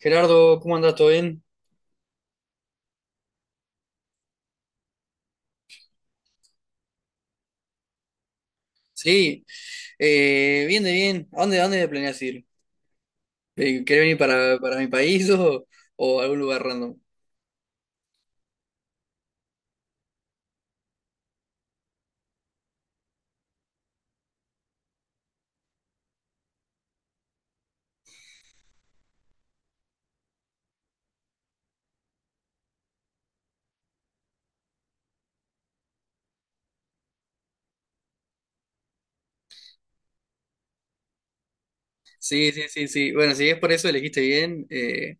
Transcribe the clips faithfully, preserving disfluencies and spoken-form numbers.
Gerardo, ¿cómo andás? ¿Todo bien? Sí, eh, bien de bien. ¿A dónde, a dónde planeas ir? Eh, ¿Querés venir para, para mi país o, o algún lugar random? Sí, sí, sí, sí. Bueno, si es por eso elegiste bien, eh,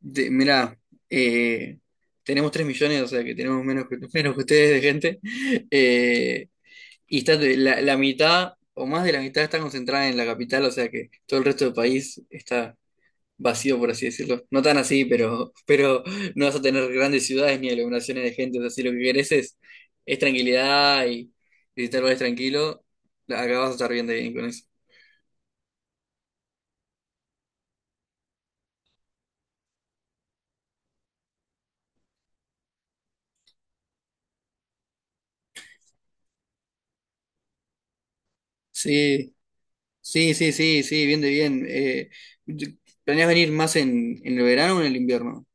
de- mirá, eh, tenemos tres millones, o sea que tenemos menos que, menos que ustedes de gente. Eh, y está de- la, la mitad o más de la mitad está concentrada en la capital, o sea que todo el resto del país está vacío, por así decirlo. No tan así, pero, pero no vas a tener grandes ciudades ni aglomeraciones de gente. O sea, si lo que querés es, es tranquilidad y visitar lugares tranquilo, acá vas a estar bien de bien con eso. Sí, sí, sí, sí, sí, bien de bien. Eh, ¿planeas venir más en, en el verano o en el invierno?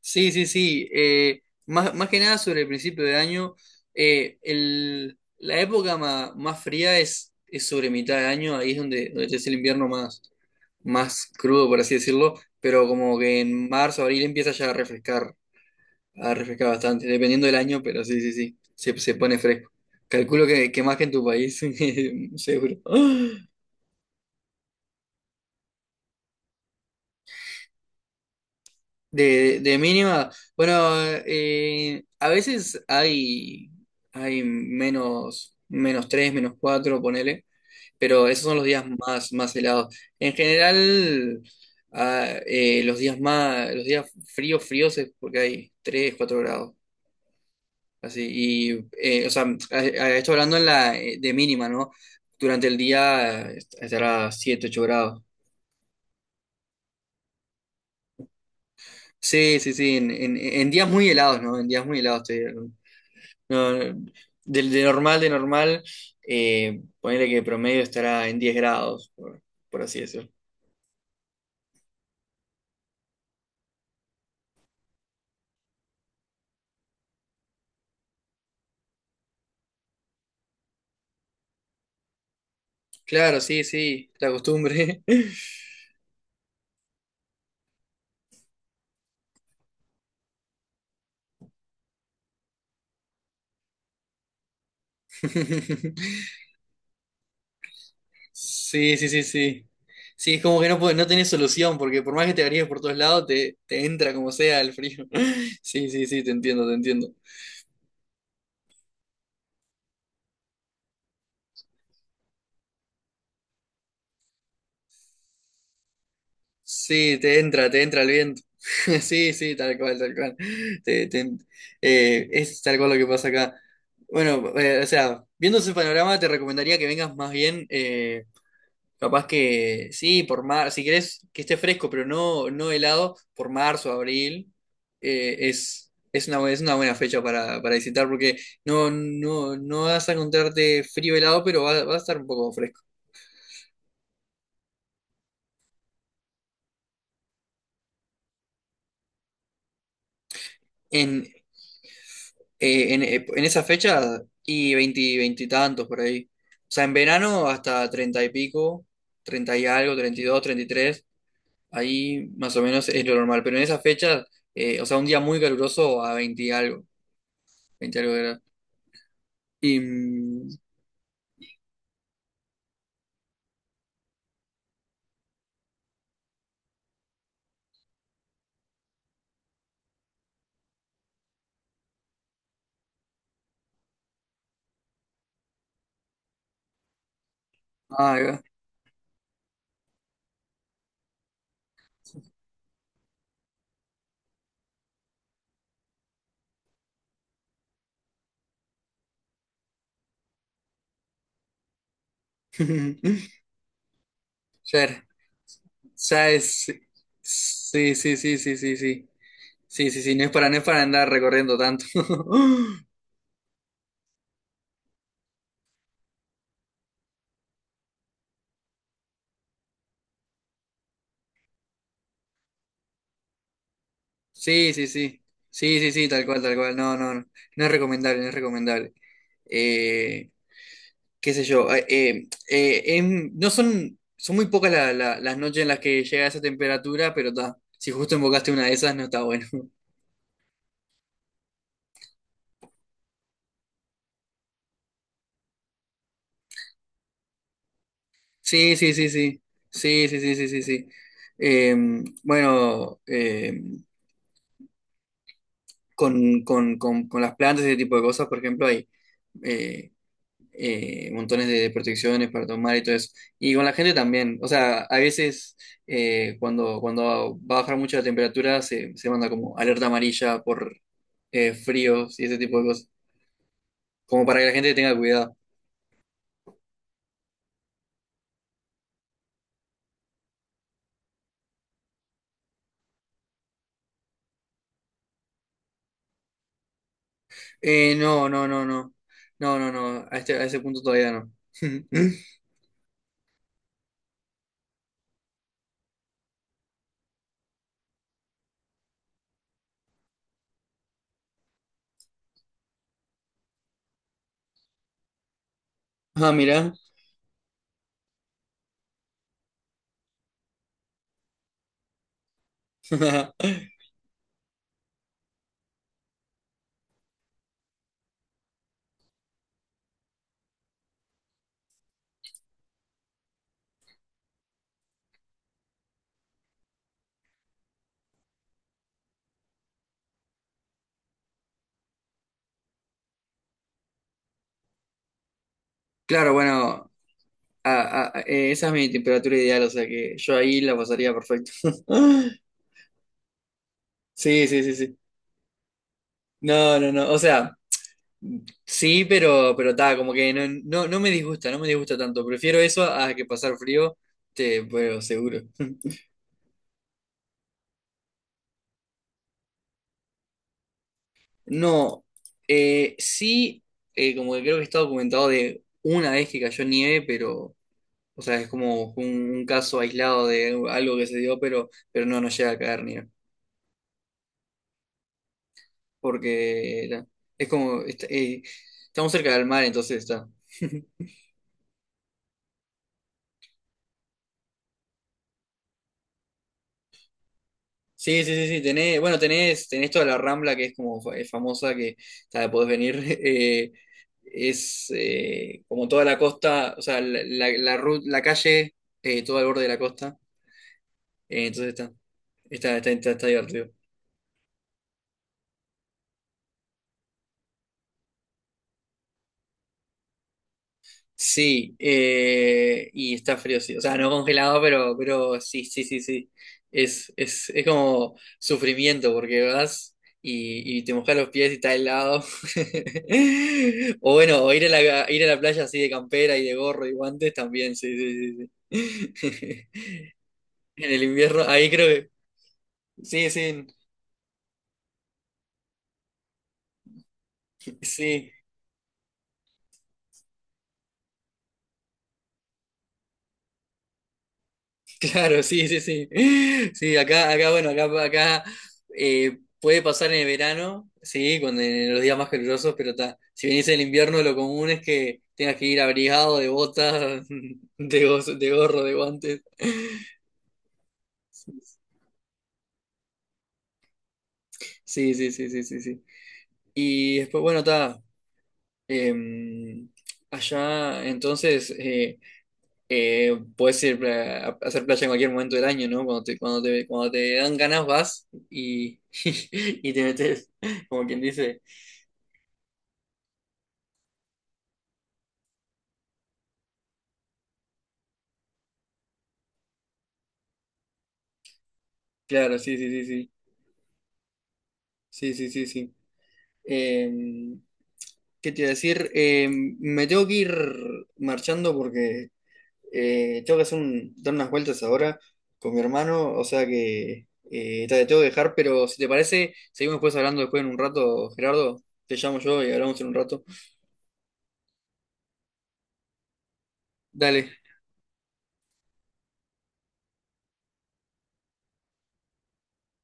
Sí, sí, sí. eh, más, más que nada sobre el principio de año, eh, el, la época ma- más fría es, es sobre mitad de año, ahí es donde, donde es el invierno más. Más crudo, por así decirlo, pero como que en marzo, abril empieza ya a refrescar, a refrescar bastante, dependiendo del año, pero sí, sí, sí, se, se pone fresco. Calculo que, que más que en tu país, seguro. De, de mínima, bueno, eh, a veces hay, hay menos, menos tres menos cuatro ponele, pero esos son los días más, más helados. En general, ah, eh, los días más, los días fríos, fríos es porque hay tres cuatro grados. Así, y, eh, o sea, a- a esto hablando en la, eh, de mínima, ¿no? Durante el día eh, estará siete ocho grados. Sí, sí, sí, en, en- en días muy helados, ¿no? En días muy helados, te digo. No, no, de, de normal, de normal, eh, ponele que promedio estará en diez grados, por, por así decirlo. Claro, sí, sí, la costumbre. Sí, sí, sí, sí. Sí, es como que no, puede- no tenés solución, porque por más que te varíes por todos lados, te, te entra como sea el frío. Sí, sí, sí, te entiendo, te entiendo. Sí, te entra, te entra el viento. Sí, sí, tal cual, tal cual. Te- te- eh, es tal cual lo que pasa acá. Bueno, eh, o sea, viendo ese panorama, te recomendaría que vengas más bien. eh, Capaz que sí, por mar, si querés que esté fresco, pero no, no helado, por marzo, abril, eh, es, es una, bu- es una buena fecha para, para visitar porque no, no, no vas a encontrarte frío helado, pero va, va a estar un poco fresco. En, eh, en, eh, en esa fecha, y veinte veinte y tantos por ahí. O sea, en verano hasta treinta y pico, treinta y algo, treinta treinta y dos treinta y tres ahí más o menos es lo normal. Pero en esa fecha, eh, o sea, un día muy caluroso a veinte y algo, veinte y algo. Y... mm, Ay, va. Ser. ¿Sabes? Sí, sí, sí, sí, sí, sí. Sí, sí, sí, no es para, no es para andar recorriendo tanto. Sí, sí, sí. Sí, sí, sí, tal cual, tal cual. No, no, no. No es recomendable, no es recomendable. Eh, Qué sé yo. Eh, eh, eh, en- no son, son muy pocas la- la- las noches en las que llega esa temperatura, pero ta, si justo invocaste una de esas, no está bueno. Sí, sí, sí, sí. Sí, sí, sí, sí, sí, sí. Eh, bueno, eh, con, con- con- con las plantas y ese tipo de cosas, por ejemplo, hay eh, eh, montones de protecciones para tomar y todo eso. Y con la gente también. O sea, a veces eh, cuando, cuando va a bajar mucho la temperatura se, se manda como alerta amarilla por eh, fríos y ese tipo de cosas. Como para que la gente tenga cuidado. Eh, no, no, no, no. No, no, no. A este- a ese punto todavía no. Ah, mira. Claro, bueno, a- a- eh, esa es mi temperatura ideal, o sea que yo ahí la pasaría perfecto. Sí, sí, sí, sí. No, no, no, o sea, sí, pero, pero está, como que no, no, no me disgusta, no me disgusta tanto. Prefiero eso a que pasar frío, te, pero seguro. No, eh, sí, eh, como que creo que está documentado de una vez que cayó nieve, pero, o sea, es como un, un caso aislado de algo que se dio, pero, pero no, no llega a caer nieve. Porque la- es como, est- eh, Estamos cerca del mar, entonces está. Sí, sí, sí, sí, tenés, bueno, tenés, tenés toda la Rambla que es como fa- es famosa, que está, podés venir, eh, es eh, como toda la costa, o sea, la, la, la ru- la calle, eh, todo al borde de la costa, eh, entonces está, está, está, está, está divertido. Sí, eh, y está frío, sí. O sea, no congelado, pero, pero sí, sí, sí, sí. Es, es, es como sufrimiento porque vas y, y te mojas los pies y está helado. O bueno, o ir a la, ir a la playa así de campera y de gorro y guantes también, sí, sí, sí, sí. En el invierno, ahí creo que. Sí, sí, sí. Claro, sí, sí, sí. Sí, acá, acá, bueno, acá, acá eh, puede pasar en el verano, sí, cuando en los días más calurosos, pero ta, si venís en el invierno, lo común es que tengas que ir abrigado de botas, de, go- de gorro, de guantes. Sí, sí, sí, sí, sí, sí. Y después, bueno, está. Allá, entonces, eh, Eh, puedes ir eh, a, a hacer playa en cualquier momento del año, ¿no? Cuando te, cuando te, cuando te dan ganas vas y, y te metes, como quien dice. Claro, sí, sí, sí, sí. Sí, sí, sí, sí. Em, ¿Qué te iba a decir? Em, me tengo que ir marchando porque eh, tengo que hacer un- dar unas vueltas ahora con mi hermano, o sea que eh, te tengo que dejar, pero si te parece, seguimos después hablando después en un rato, Gerardo. Te llamo yo y hablamos en un rato. Dale,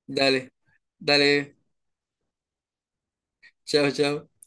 dale, dale. Chao, chao.